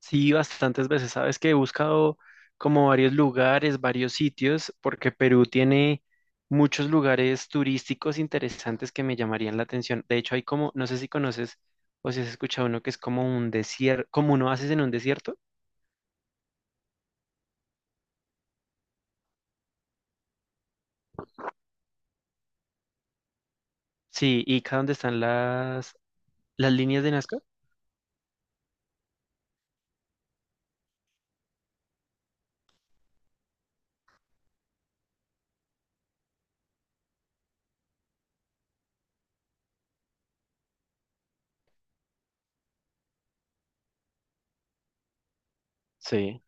Sí, bastantes veces. Sabes que he buscado como varios lugares, varios sitios, porque Perú tiene muchos lugares turísticos interesantes que me llamarían la atención. De hecho, hay como, no sé si conoces o si has escuchado uno que es como un desierto, como un oasis en un desierto. Sí, Ica, donde están las líneas de Nazca. Sí,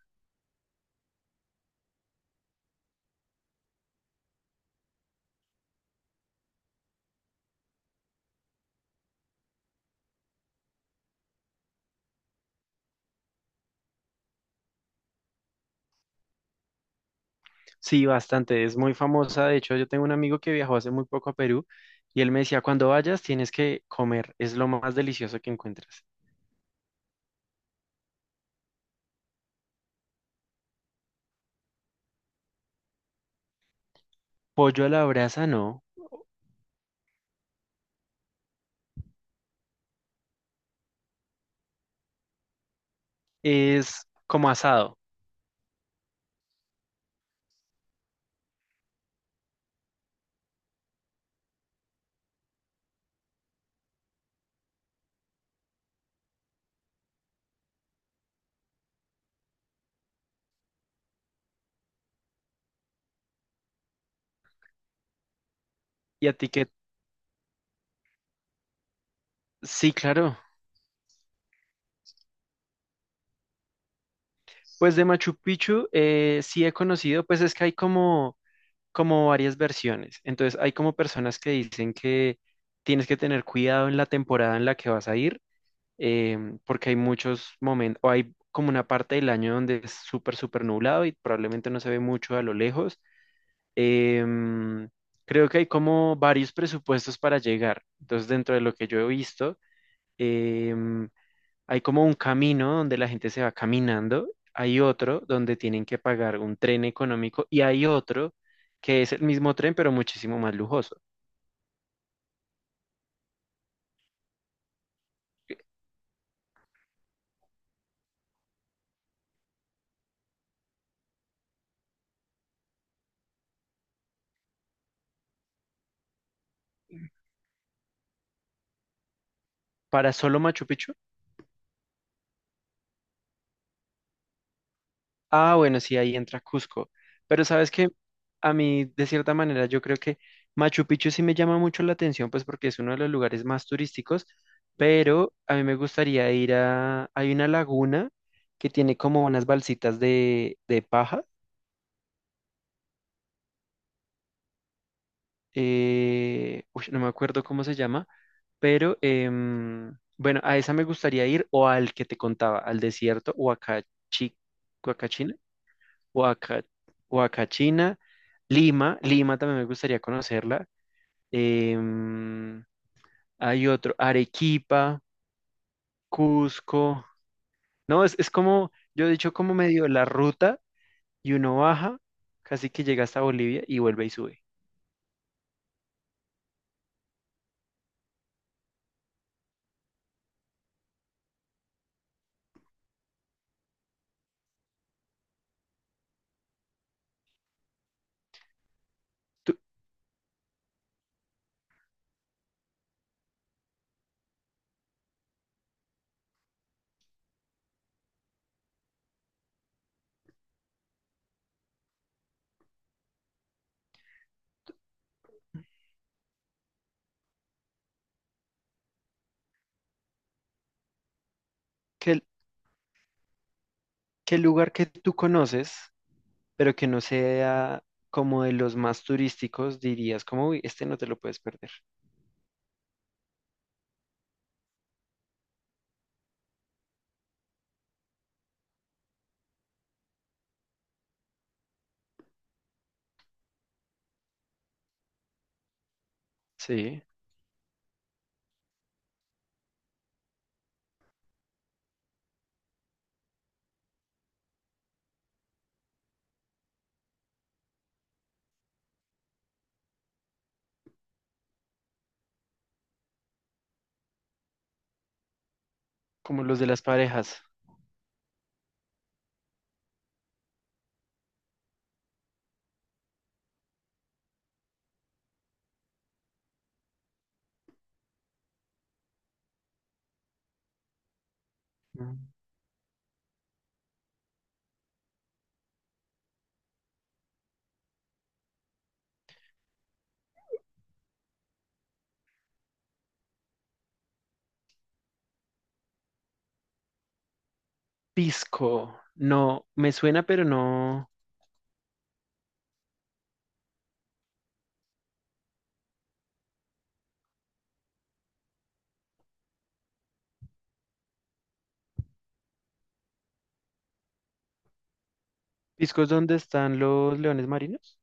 sí, bastante. Es muy famosa. De hecho, yo tengo un amigo que viajó hace muy poco a Perú y él me decía, cuando vayas tienes que comer, es lo más delicioso que encuentras. Pollo a la brasa, no. Es como asado. ¿Y a ti qué? Sí, claro. Pues de Machu Picchu sí he conocido, pues es que hay como varias versiones. Entonces hay como personas que dicen que tienes que tener cuidado en la temporada en la que vas a ir, porque hay muchos momentos, o hay como una parte del año donde es súper, súper nublado y probablemente no se ve mucho a lo lejos. Em, Creo que hay como varios presupuestos para llegar. Entonces dentro de lo que yo he visto, em, hay como un camino donde la gente se va caminando, hay otro donde tienen que pagar un tren económico y hay otro que es el mismo tren pero muchísimo más lujoso. ¿Para solo Machu Picchu? Ah, bueno, sí, ahí entra Cusco. Pero sabes que a mí, de cierta manera, yo creo que Machu Picchu sí me llama mucho la atención, pues porque es uno de los lugares más turísticos, pero a mí me gustaría ir a... Hay una laguna que tiene como unas balsitas de paja. Uy, no me acuerdo cómo se llama, pero bueno, a esa me gustaría ir o al que te contaba, al desierto Huacachi, Huaca- Huacachina, Lima también me gustaría conocerla. em, hay otro, Arequipa, Cusco. No, es como, yo he dicho como medio la ruta y uno baja, casi que llega hasta Bolivia y vuelve y sube. ¿Tú- qué, qué lugar que tú conoces, pero que no sea como de los más turísticos, dirías como, uy, este no te lo puedes perder? Sí, como los de las parejas. Mm. Pisco, no, me suena, pero no. Pisco es donde están los leones marinos.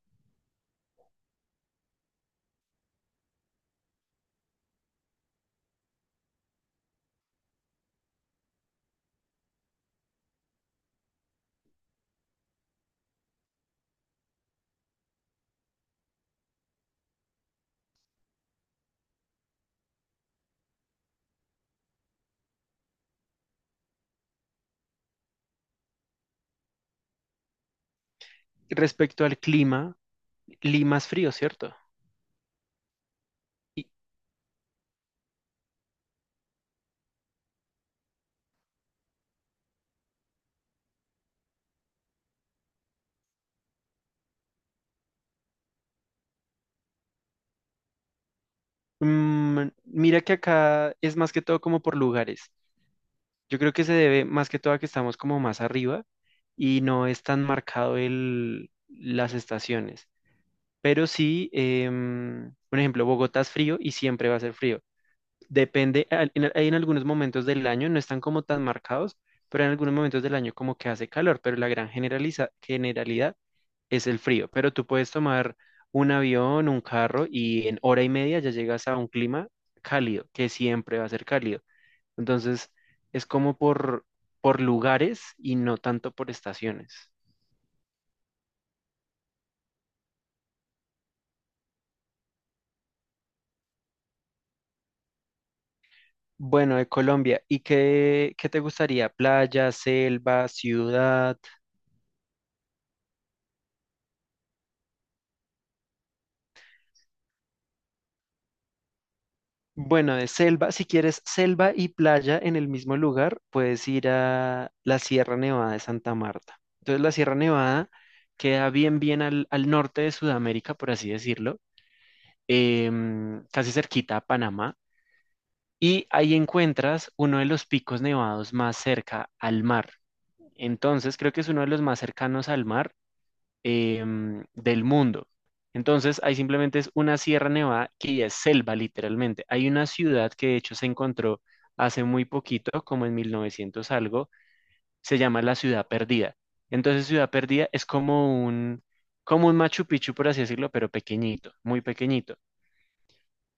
Respecto al clima, Lima es frío, ¿cierto? Y, mira que acá es más que todo como por lugares. Yo creo que se debe más que todo a que estamos como más arriba y no es tan marcado el, las estaciones. Pero sí, por ejemplo, Bogotá es frío y siempre va a ser frío. Depende, hay en algunos momentos del año, no están como tan marcados, pero en algunos momentos del año como que hace calor, pero la gran generalidad es el frío, pero tú puedes tomar un avión, un carro y en hora y media ya llegas a un clima cálido, que siempre va a ser cálido. Entonces, es como por lugares y no tanto por estaciones. Bueno, de Colombia, ¿y qué te gustaría? ¿Playa, selva, ciudad? Bueno, de selva, si quieres selva y playa en el mismo lugar, puedes ir a la Sierra Nevada de Santa Marta. Entonces, la Sierra Nevada queda bien, bien al norte de Sudamérica, por así decirlo, casi cerquita a Panamá, y ahí encuentras uno de los picos nevados más cerca al mar. Entonces, creo que es uno de los más cercanos al mar del mundo. Entonces, ahí simplemente es una Sierra Nevada que ya es selva, literalmente. Hay una ciudad que de hecho se encontró hace muy poquito, como en 1900 algo, se llama la Ciudad Perdida. Entonces, Ciudad Perdida es como un Machu Picchu, por así decirlo, pero pequeñito, muy pequeñito.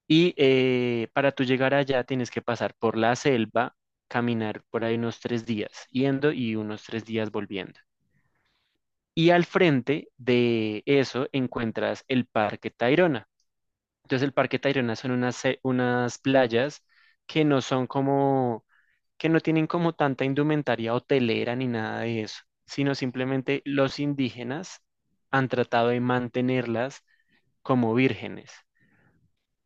Y para tú llegar allá tienes que pasar por la selva, caminar por ahí unos tres días, yendo y unos tres días volviendo. Y al frente de eso encuentras el Parque Tayrona. Entonces el Parque Tayrona son unas playas que no son como, que no tienen como tanta indumentaria hotelera ni nada de eso, sino simplemente los indígenas han tratado de mantenerlas como vírgenes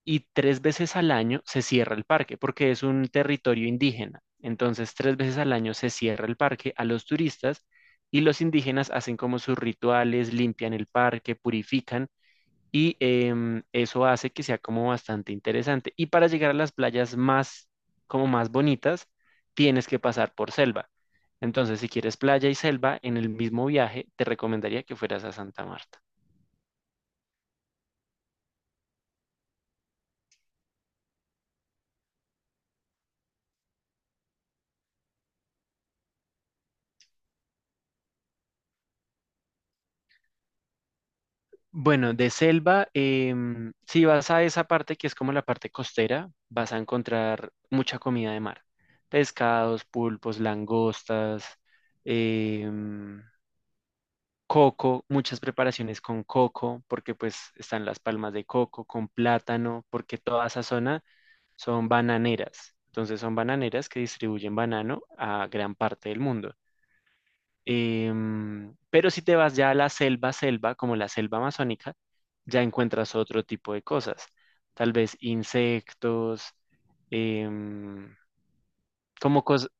y tres veces al año se cierra el parque porque es un territorio indígena. Entonces, tres veces al año se cierra el parque a los turistas y los indígenas hacen como sus rituales, limpian el parque, purifican y eso hace que sea como bastante interesante. Y para llegar a las playas más, como más bonitas, tienes que pasar por selva. Entonces, si quieres playa y selva en el mismo viaje, te recomendaría que fueras a Santa Marta. Bueno, de selva, si vas a esa parte que es como la parte costera, vas a encontrar mucha comida de mar. Pescados, pulpos, langostas, em, coco, muchas preparaciones con coco, porque pues están las palmas de coco, con plátano, porque toda esa zona son bananeras. Entonces son bananeras que distribuyen banano a gran parte del mundo. Pero si te vas ya a la selva, selva, como la selva amazónica, ya encuentras otro tipo de cosas. Tal vez insectos, em, como cosas.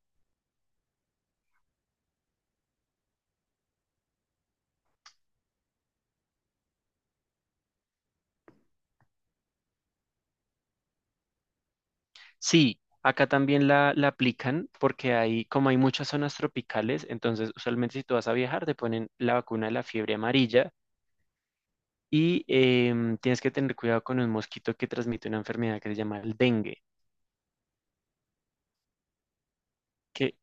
Sí, acá también la aplican porque hay, como hay muchas zonas tropicales, entonces usualmente si tú vas a viajar te ponen la vacuna de la fiebre amarilla y tienes que tener cuidado con un mosquito que transmite una enfermedad que se llama el dengue, que,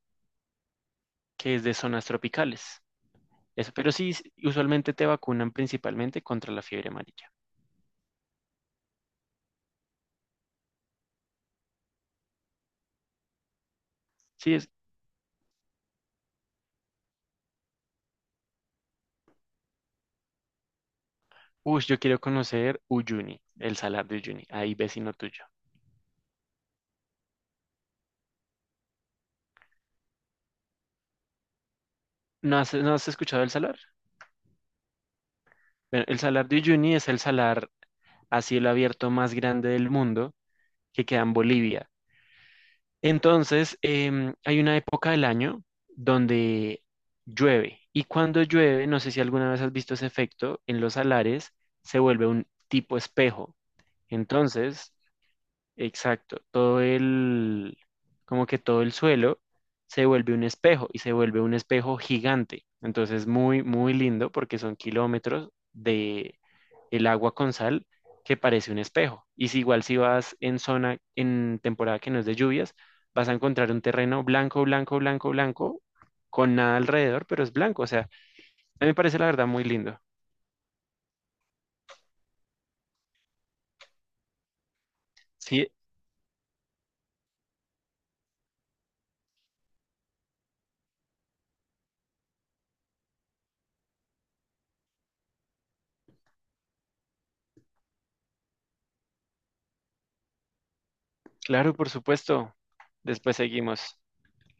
que es de zonas tropicales. Eso, pero sí, usualmente te vacunan principalmente contra la fiebre amarilla. Sí, uy, yo quiero conocer Uyuni, el salar de Uyuni, ahí vecino tuyo. ¿No has escuchado el salar? Bueno, el salar de Uyuni es el salar a cielo abierto más grande del mundo que queda en Bolivia. Entonces, hay una época del año donde llueve. Y cuando llueve, no sé si alguna vez has visto ese efecto, en los salares se vuelve un tipo espejo. Entonces, exacto, como que todo el suelo se vuelve un espejo y se vuelve un espejo gigante. Entonces, muy, muy lindo porque son kilómetros de el agua con sal que parece un espejo. Y si igual si vas en temporada que no es de lluvias, vas a encontrar un terreno blanco, blanco, blanco, blanco, con nada alrededor, pero es blanco. O sea, a mí me parece la verdad muy lindo. Sí, claro, por supuesto. Después seguimos.